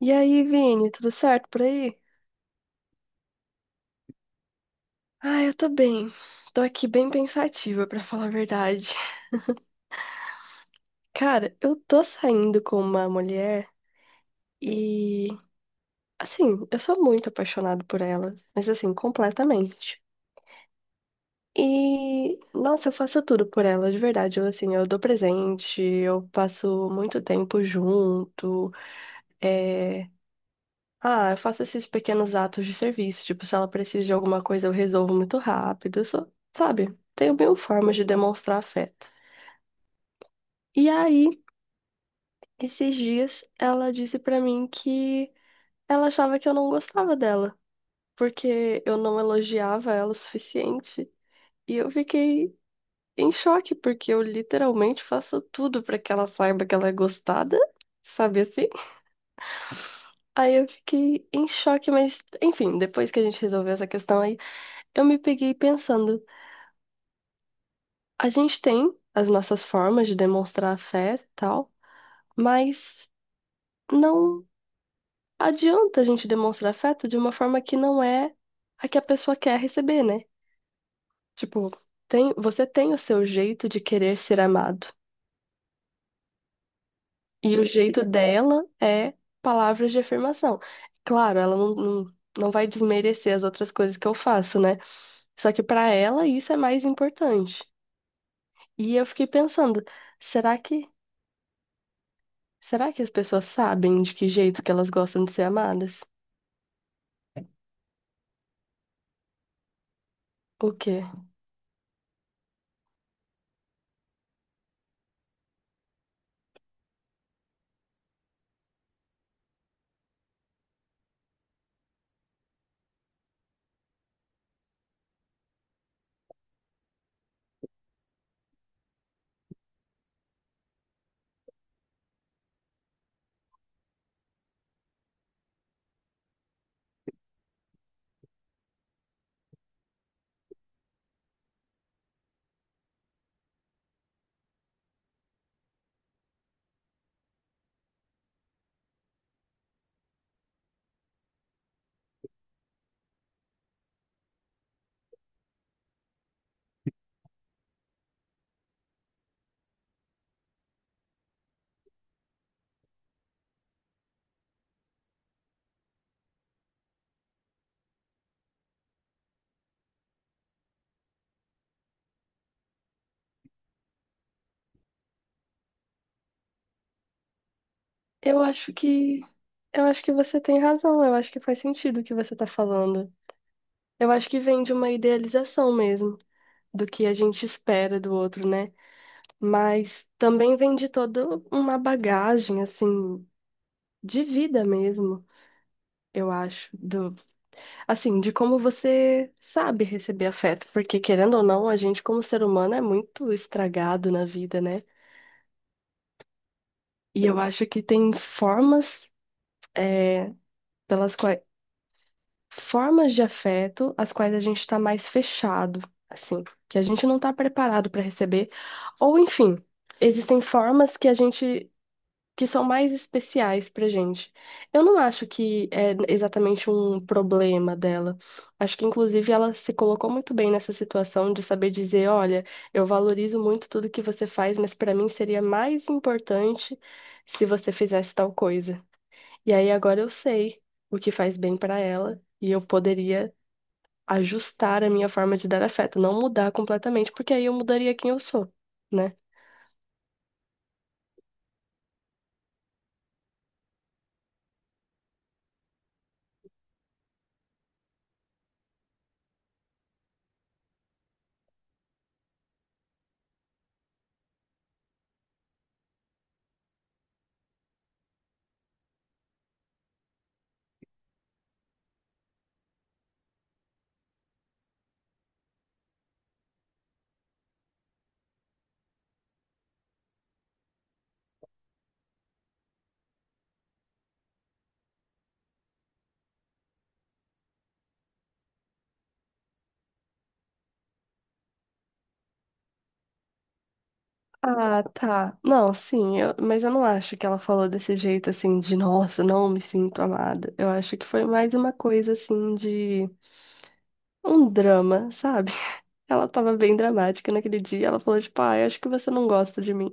E aí, Vini, tudo certo por aí? Ah, eu tô bem. Tô aqui bem pensativa, pra falar a verdade. Cara, eu tô saindo com uma mulher e, assim, eu sou muito apaixonada por ela, mas assim, completamente. E, nossa, eu faço tudo por ela, de verdade. Eu, assim, eu dou presente, eu passo muito tempo junto, é, ah, eu faço esses pequenos atos de serviço. Tipo, se ela precisa de alguma coisa, eu resolvo muito rápido. Eu sou, sabe? Tenho mil formas de demonstrar afeto. E aí, esses dias, ela disse pra mim que ela achava que eu não gostava dela, porque eu não elogiava ela o suficiente. E eu fiquei em choque, porque eu literalmente faço tudo pra que ela saiba que ela é gostada, sabe assim? Aí eu fiquei em choque, mas enfim, depois que a gente resolveu essa questão aí, eu me peguei pensando. A gente tem as nossas formas de demonstrar afeto e tal, mas não adianta a gente demonstrar afeto de uma forma que não é a que a pessoa quer receber, né? Tipo, tem, você tem o seu jeito de querer ser amado, e o jeito dela é palavras de afirmação. Claro, ela não vai desmerecer as outras coisas que eu faço, né? Só que pra ela isso é mais importante. E eu fiquei pensando, será que será que as pessoas sabem de que jeito que elas gostam de ser amadas? O quê? Eu acho que eu acho que você tem razão, eu acho que faz sentido o que você tá falando. Eu acho que vem de uma idealização mesmo do que a gente espera do outro, né? Mas também vem de toda uma bagagem assim de vida mesmo, eu acho, assim, de como você sabe receber afeto, porque querendo ou não, a gente como ser humano é muito estragado na vida, né? E eu acho que tem formas, é, pelas quais, formas de afeto às quais a gente está mais fechado, assim, que a gente não está preparado para receber, ou enfim, existem formas que a gente que são mais especiais pra gente. Eu não acho que é exatamente um problema dela. Acho que, inclusive, ela se colocou muito bem nessa situação de saber dizer: olha, eu valorizo muito tudo que você faz, mas pra mim seria mais importante se você fizesse tal coisa. E aí agora eu sei o que faz bem pra ela e eu poderia ajustar a minha forma de dar afeto, não mudar completamente, porque aí eu mudaria quem eu sou, né? Ah, tá. Não, sim, mas eu não acho que ela falou desse jeito assim de nossa, não me sinto amada. Eu acho que foi mais uma coisa assim de um drama, sabe? Ela tava bem dramática naquele dia, ela falou tipo, ah, eu acho que você não gosta de mim.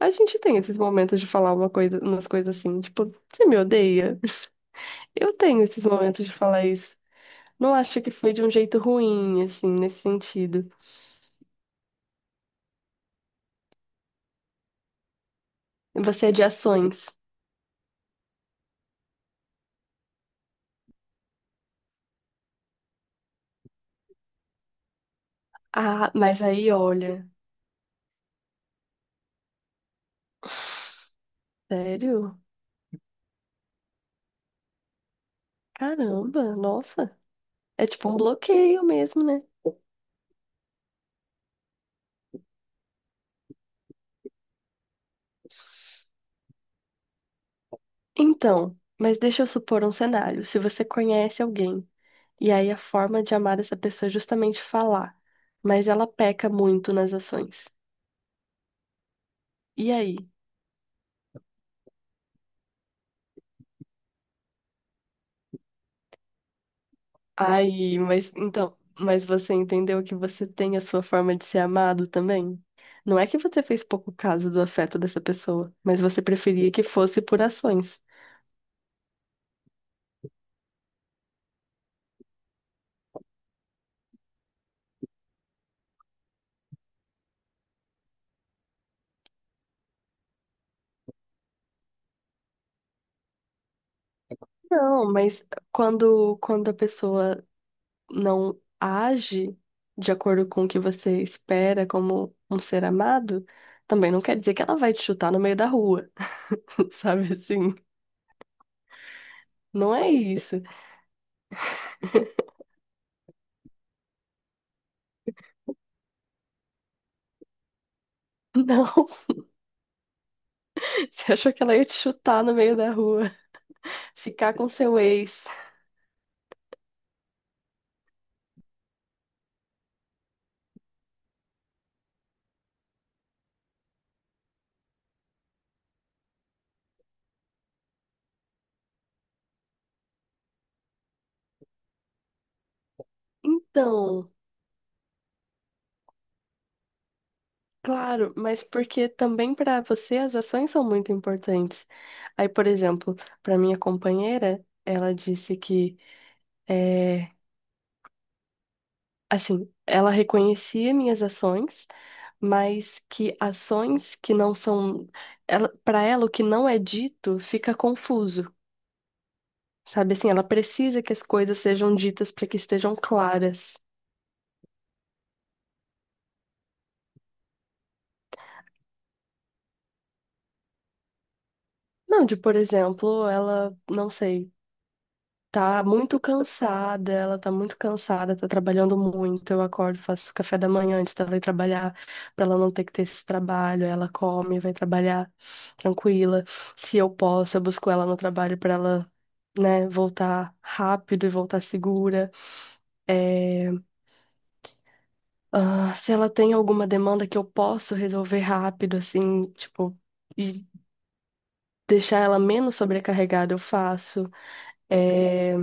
A gente tem esses momentos de falar uma coisa, umas coisas assim, tipo, você me odeia? Eu tenho esses momentos de falar isso. Não acho que foi de um jeito ruim, assim, nesse sentido. Você é de ações. Ah, mas aí olha. Sério? Caramba, nossa. É tipo um bloqueio mesmo, né? Então, mas deixa eu supor um cenário. Se você conhece alguém e aí a forma de amar essa pessoa é justamente falar, mas ela peca muito nas ações. E aí? Aí, mas então, mas você entendeu que você tem a sua forma de ser amado também? Não é que você fez pouco caso do afeto dessa pessoa, mas você preferia que fosse por ações. Não, mas quando a pessoa não age de acordo com o que você espera como um ser amado, também não quer dizer que ela vai te chutar no meio da rua, sabe assim? Não é isso. Não, você achou que ela ia te chutar no meio da rua, ficar com seu ex. Então, claro, mas porque também para você as ações são muito importantes. Aí, por exemplo, para minha companheira, ela disse que eh, assim, ela reconhecia minhas ações, mas que ações que não são, ela, para ela o que não é dito fica confuso, sabe? Assim, ela precisa que as coisas sejam ditas para que estejam claras. Não, de, por exemplo, ela, não sei. Tá muito cansada, ela tá muito cansada, tá trabalhando muito. Eu acordo, faço café da manhã antes dela ir trabalhar, pra ela não ter que ter esse trabalho. Ela come, vai trabalhar tranquila. Se eu posso, eu busco ela no trabalho pra ela, né, voltar rápido e voltar segura. É, ah, se ela tem alguma demanda que eu posso resolver rápido, assim, tipo, e deixar ela menos sobrecarregada, eu faço. É.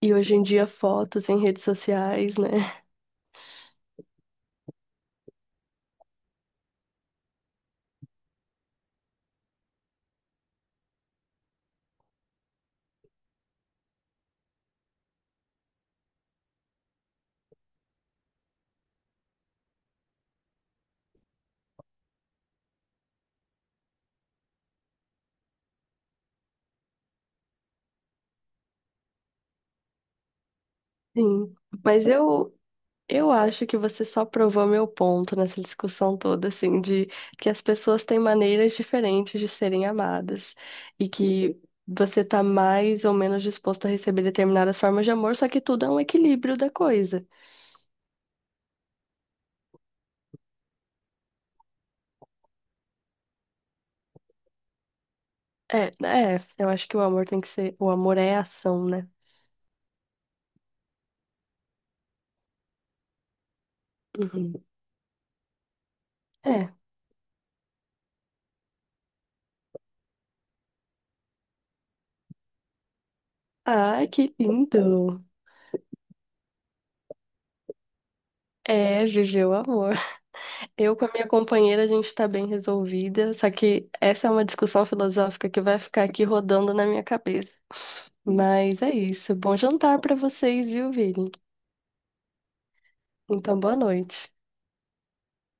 E hoje em dia, fotos em redes sociais, né? Sim. Mas eu acho que você só provou meu ponto nessa discussão toda, assim, de que as pessoas têm maneiras diferentes de serem amadas e que você tá mais ou menos disposto a receber determinadas formas de amor, só que tudo é um equilíbrio da coisa. É, é, eu acho que o amor tem que ser, o amor é ação, né? Uhum. É. Ai, que lindo. É, viveu o amor. Eu com a minha companheira, a gente está bem resolvida, só que essa é uma discussão filosófica que vai ficar aqui rodando na minha cabeça. Mas é isso. Bom jantar para vocês, viu, Vini? Então, boa noite.